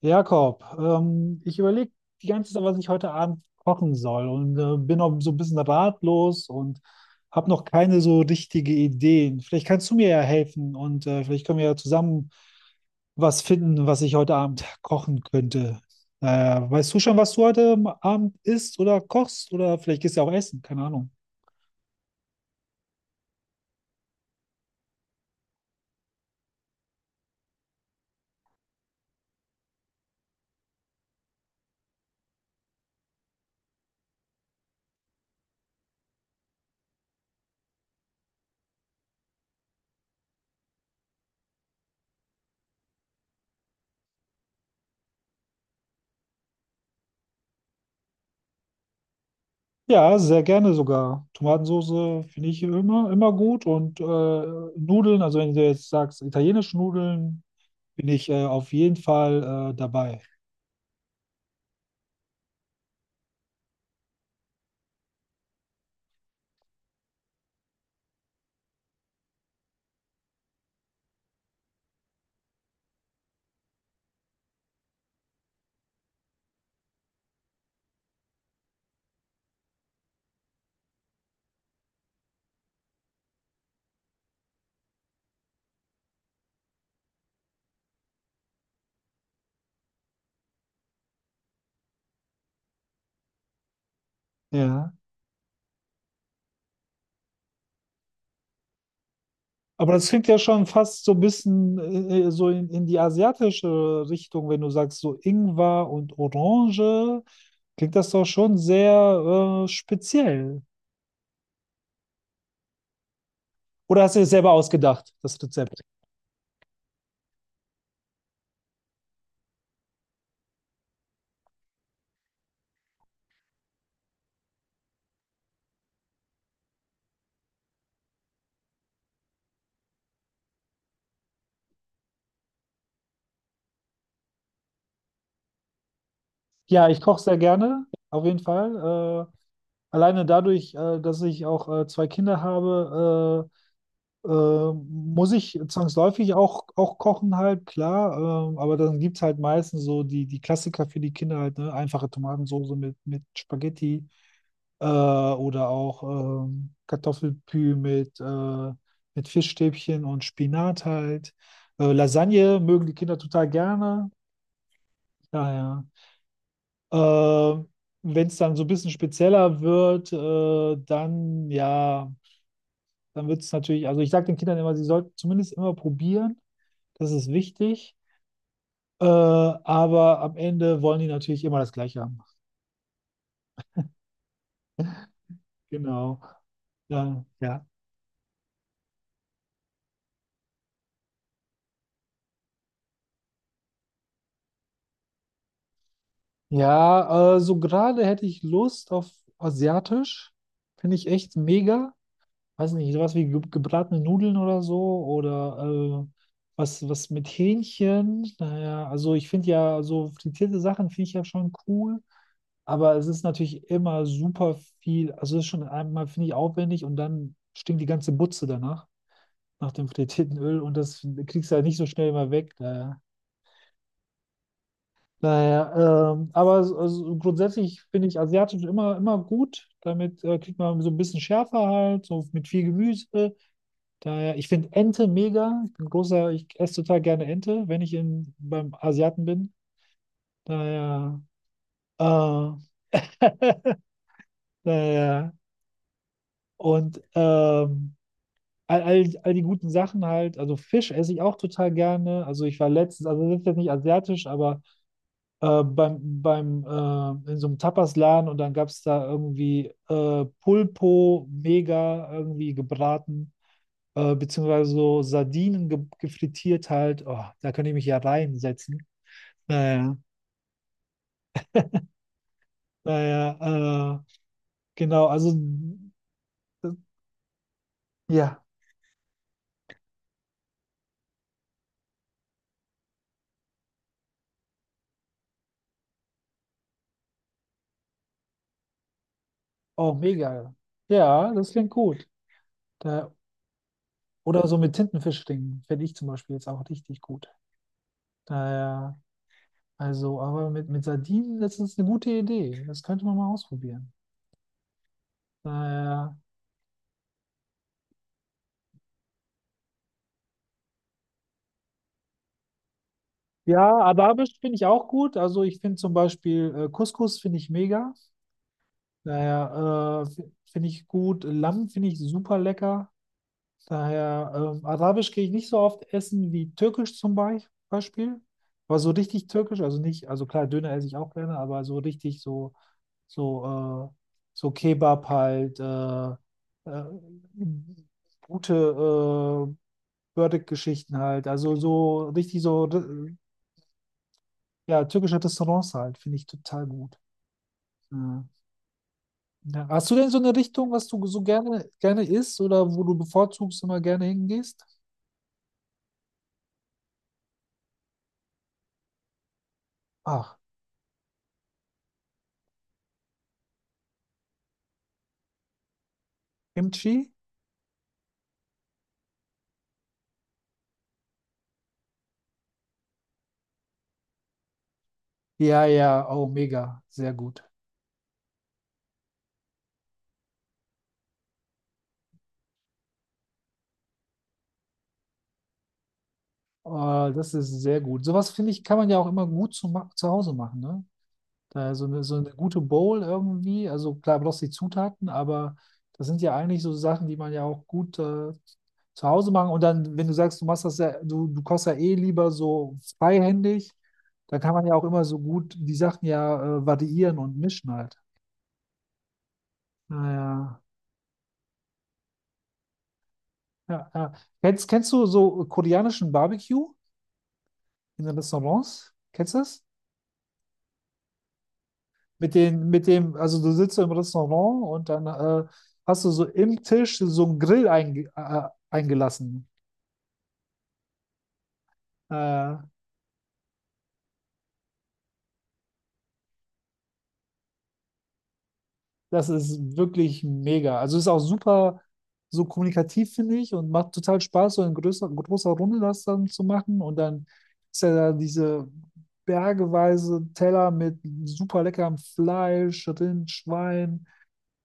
Jakob, ich überlege die ganze Zeit, was ich heute Abend kochen soll, und bin auch so ein bisschen ratlos und habe noch keine so richtige Ideen. Vielleicht kannst du mir ja helfen und vielleicht können wir ja zusammen was finden, was ich heute Abend kochen könnte. Äh, Weißt du schon, was du heute Abend isst oder kochst, oder vielleicht gehst du ja auch essen, keine Ahnung. Ja, sehr gerne sogar. Tomatensoße finde ich immer, immer gut, und Nudeln, also wenn du jetzt sagst, italienische Nudeln, bin ich auf jeden Fall dabei. Ja. Aber das klingt ja schon fast so ein bisschen so in die asiatische Richtung. Wenn du sagst, so Ingwer und Orange, klingt das doch schon sehr speziell. Oder hast du es selber ausgedacht, das Rezept? Ja, ich koche sehr gerne, auf jeden Fall. Alleine dadurch, dass ich auch zwei Kinder habe, muss ich zwangsläufig auch, auch kochen halt, klar. Aber dann gibt es halt meistens so die Klassiker für die Kinder halt, ne? Einfache Tomatensoße mit Spaghetti oder auch Kartoffelpü mit Fischstäbchen und Spinat halt. Lasagne mögen die Kinder total gerne. Daher. Äh, Wenn es dann so ein bisschen spezieller wird, dann wird es natürlich, also ich sage den Kindern immer, sie sollten zumindest immer probieren, das ist wichtig, aber am Ende wollen die natürlich immer das Gleiche haben. Genau. Ja, ja. Ja, so gerade hätte ich Lust auf Asiatisch, finde ich echt mega. Weiß nicht, sowas wie ge gebratene Nudeln oder so oder was, was mit Hähnchen. Naja, also ich finde ja so frittierte Sachen finde ich ja schon cool, aber es ist natürlich immer super viel. Also es ist schon einmal, finde ich, aufwendig, und dann stinkt die ganze Butze danach, nach dem frittierten Öl, und das kriegst du halt nicht so schnell mal weg. Daher. Naja, aber also grundsätzlich finde ich asiatisch immer, immer gut. Damit kriegt man so ein bisschen schärfer halt, so mit viel Gemüse. Daher, ich finde Ente mega. Ich bin großer, ich esse total gerne Ente, wenn ich beim Asiaten bin. Daher, äh, daher. Und all die guten Sachen halt. Also Fisch esse ich auch total gerne. Also ich war letztens, also das ist jetzt nicht asiatisch, aber beim, beim in so einem Tapasladen, und dann gab es da irgendwie Pulpo mega irgendwie gebraten, beziehungsweise so Sardinen ge gefrittiert halt. Oh, da könnte ich mich ja reinsetzen. Naja, naja, genau, also äh, ja, oh, mega. Ja, das klingt gut. Da, oder so mit Tintenfischringen fände ich zum Beispiel jetzt auch richtig gut. Naja, also, aber mit Sardinen, das ist eine gute Idee. Das könnte man mal ausprobieren. Naja. Ja, Arabisch finde ich auch gut. Also ich finde zum Beispiel Couscous finde ich mega. Daher finde ich gut. Lamm finde ich super lecker. Daher Arabisch gehe ich nicht so oft essen wie Türkisch zum Beispiel. Aber so richtig Türkisch, also nicht, also klar, Döner esse ich auch gerne, aber so richtig so, so, äh, so Kebab halt, äh, gute äh, Burdick-Geschichten halt. Also so richtig so, ja, türkische Restaurants halt, finde ich total gut. Ja. Ja. Hast du denn so eine Richtung, was du so gerne, gerne isst, oder wo du bevorzugst immer gerne hingehst? Ach, Kimchi? Ja, ja, oh, mega, sehr gut. Oh, das ist sehr gut. Sowas finde ich, kann man ja auch immer gut zu, zu Hause machen, ne? Da so eine gute Bowl irgendwie, also klar, bloß die Zutaten, aber das sind ja eigentlich so Sachen, die man ja auch gut zu Hause machen. Und dann, wenn du sagst, du machst das ja, du kochst ja eh lieber so freihändig, dann kann man ja auch immer so gut die Sachen ja variieren und mischen halt. Naja, ja, ja. Ja. Kennst, kennst du so koreanischen Barbecue in den Restaurants? Kennst du das? Mit dem, also du sitzt so im Restaurant, und dann hast du so im Tisch so einen Grill eingelassen. Äh, das ist wirklich mega. Also ist auch super so kommunikativ, finde ich, und macht total Spaß, so in größer, großer Runde das dann zu machen. Und dann ist ja da diese bergeweise Teller mit super leckerem Fleisch, Rind, Schwein.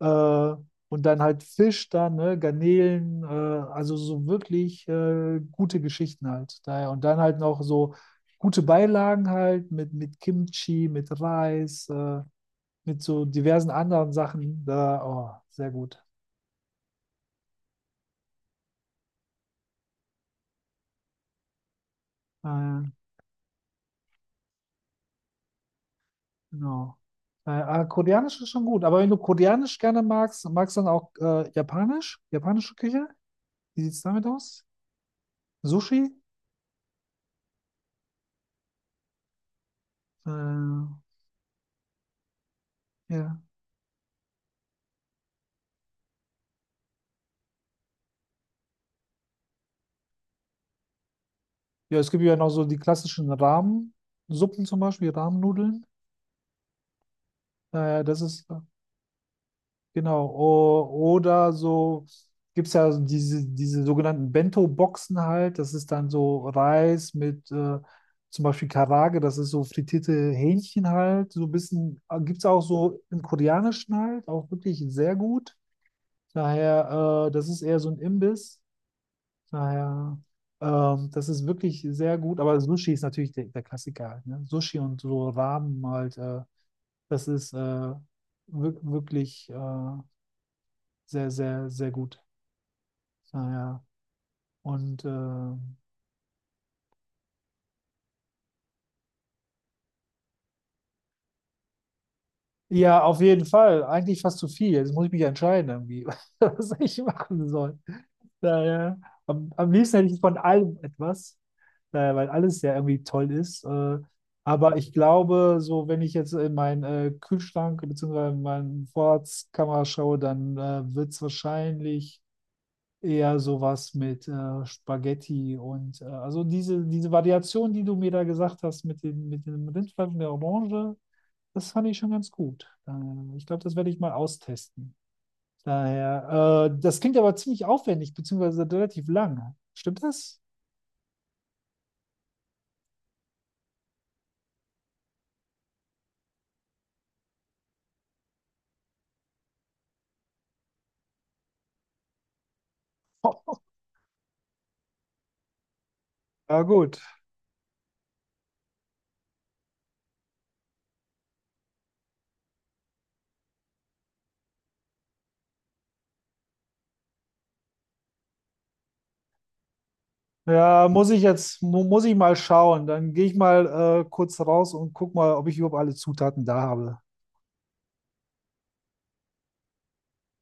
Äh, und dann halt Fisch dann, ne, Garnelen, also so wirklich gute Geschichten halt. Daher. Und dann halt noch so gute Beilagen halt mit Kimchi, mit Reis, mit so diversen anderen Sachen. Da, oh, sehr gut. Äh, genau. Koreanisch ist schon gut, aber wenn du Koreanisch gerne magst, magst du dann auch Japanisch? Japanische Küche? Wie sieht es damit aus? Sushi? Äh, ja. Ja, es gibt ja noch so die klassischen Ramen-Suppen zum Beispiel, Ramen-Nudeln. Äh, das ist, äh, genau. O oder so gibt es ja so diese sogenannten Bento-Boxen halt. Das ist dann so Reis mit zum Beispiel Karage, das ist so frittierte Hähnchen halt. So ein bisschen, gibt es auch so im Koreanischen halt, auch wirklich sehr gut. Daher, das ist eher so ein Imbiss. Daher, das ist wirklich sehr gut, aber Sushi ist natürlich der Klassiker halt, ne? Sushi und so Ramen halt, das ist äh, wirklich sehr, sehr, sehr gut. Daher, und ja, auf jeden Fall, eigentlich fast zu viel. Jetzt muss ich mich entscheiden irgendwie, was ich machen soll. Daher, am liebsten hätte ich von allem etwas, daher, weil alles ja irgendwie toll ist. Aber ich glaube, so wenn ich jetzt in meinen Kühlschrank bzw. in meine Vorratskammer schaue, dann wird es wahrscheinlich eher sowas mit Spaghetti und also diese, diese Variation, die du mir da gesagt hast mit dem Rindfleisch und der Orange, das fand ich schon ganz gut. Ich glaube, das werde ich mal austesten. Daher, das klingt aber ziemlich aufwendig, beziehungsweise relativ lang. Stimmt das? Ja, gut. Ja, muss ich jetzt, mu muss ich mal schauen. Dann gehe ich mal kurz raus und guck mal, ob ich überhaupt alle Zutaten da habe.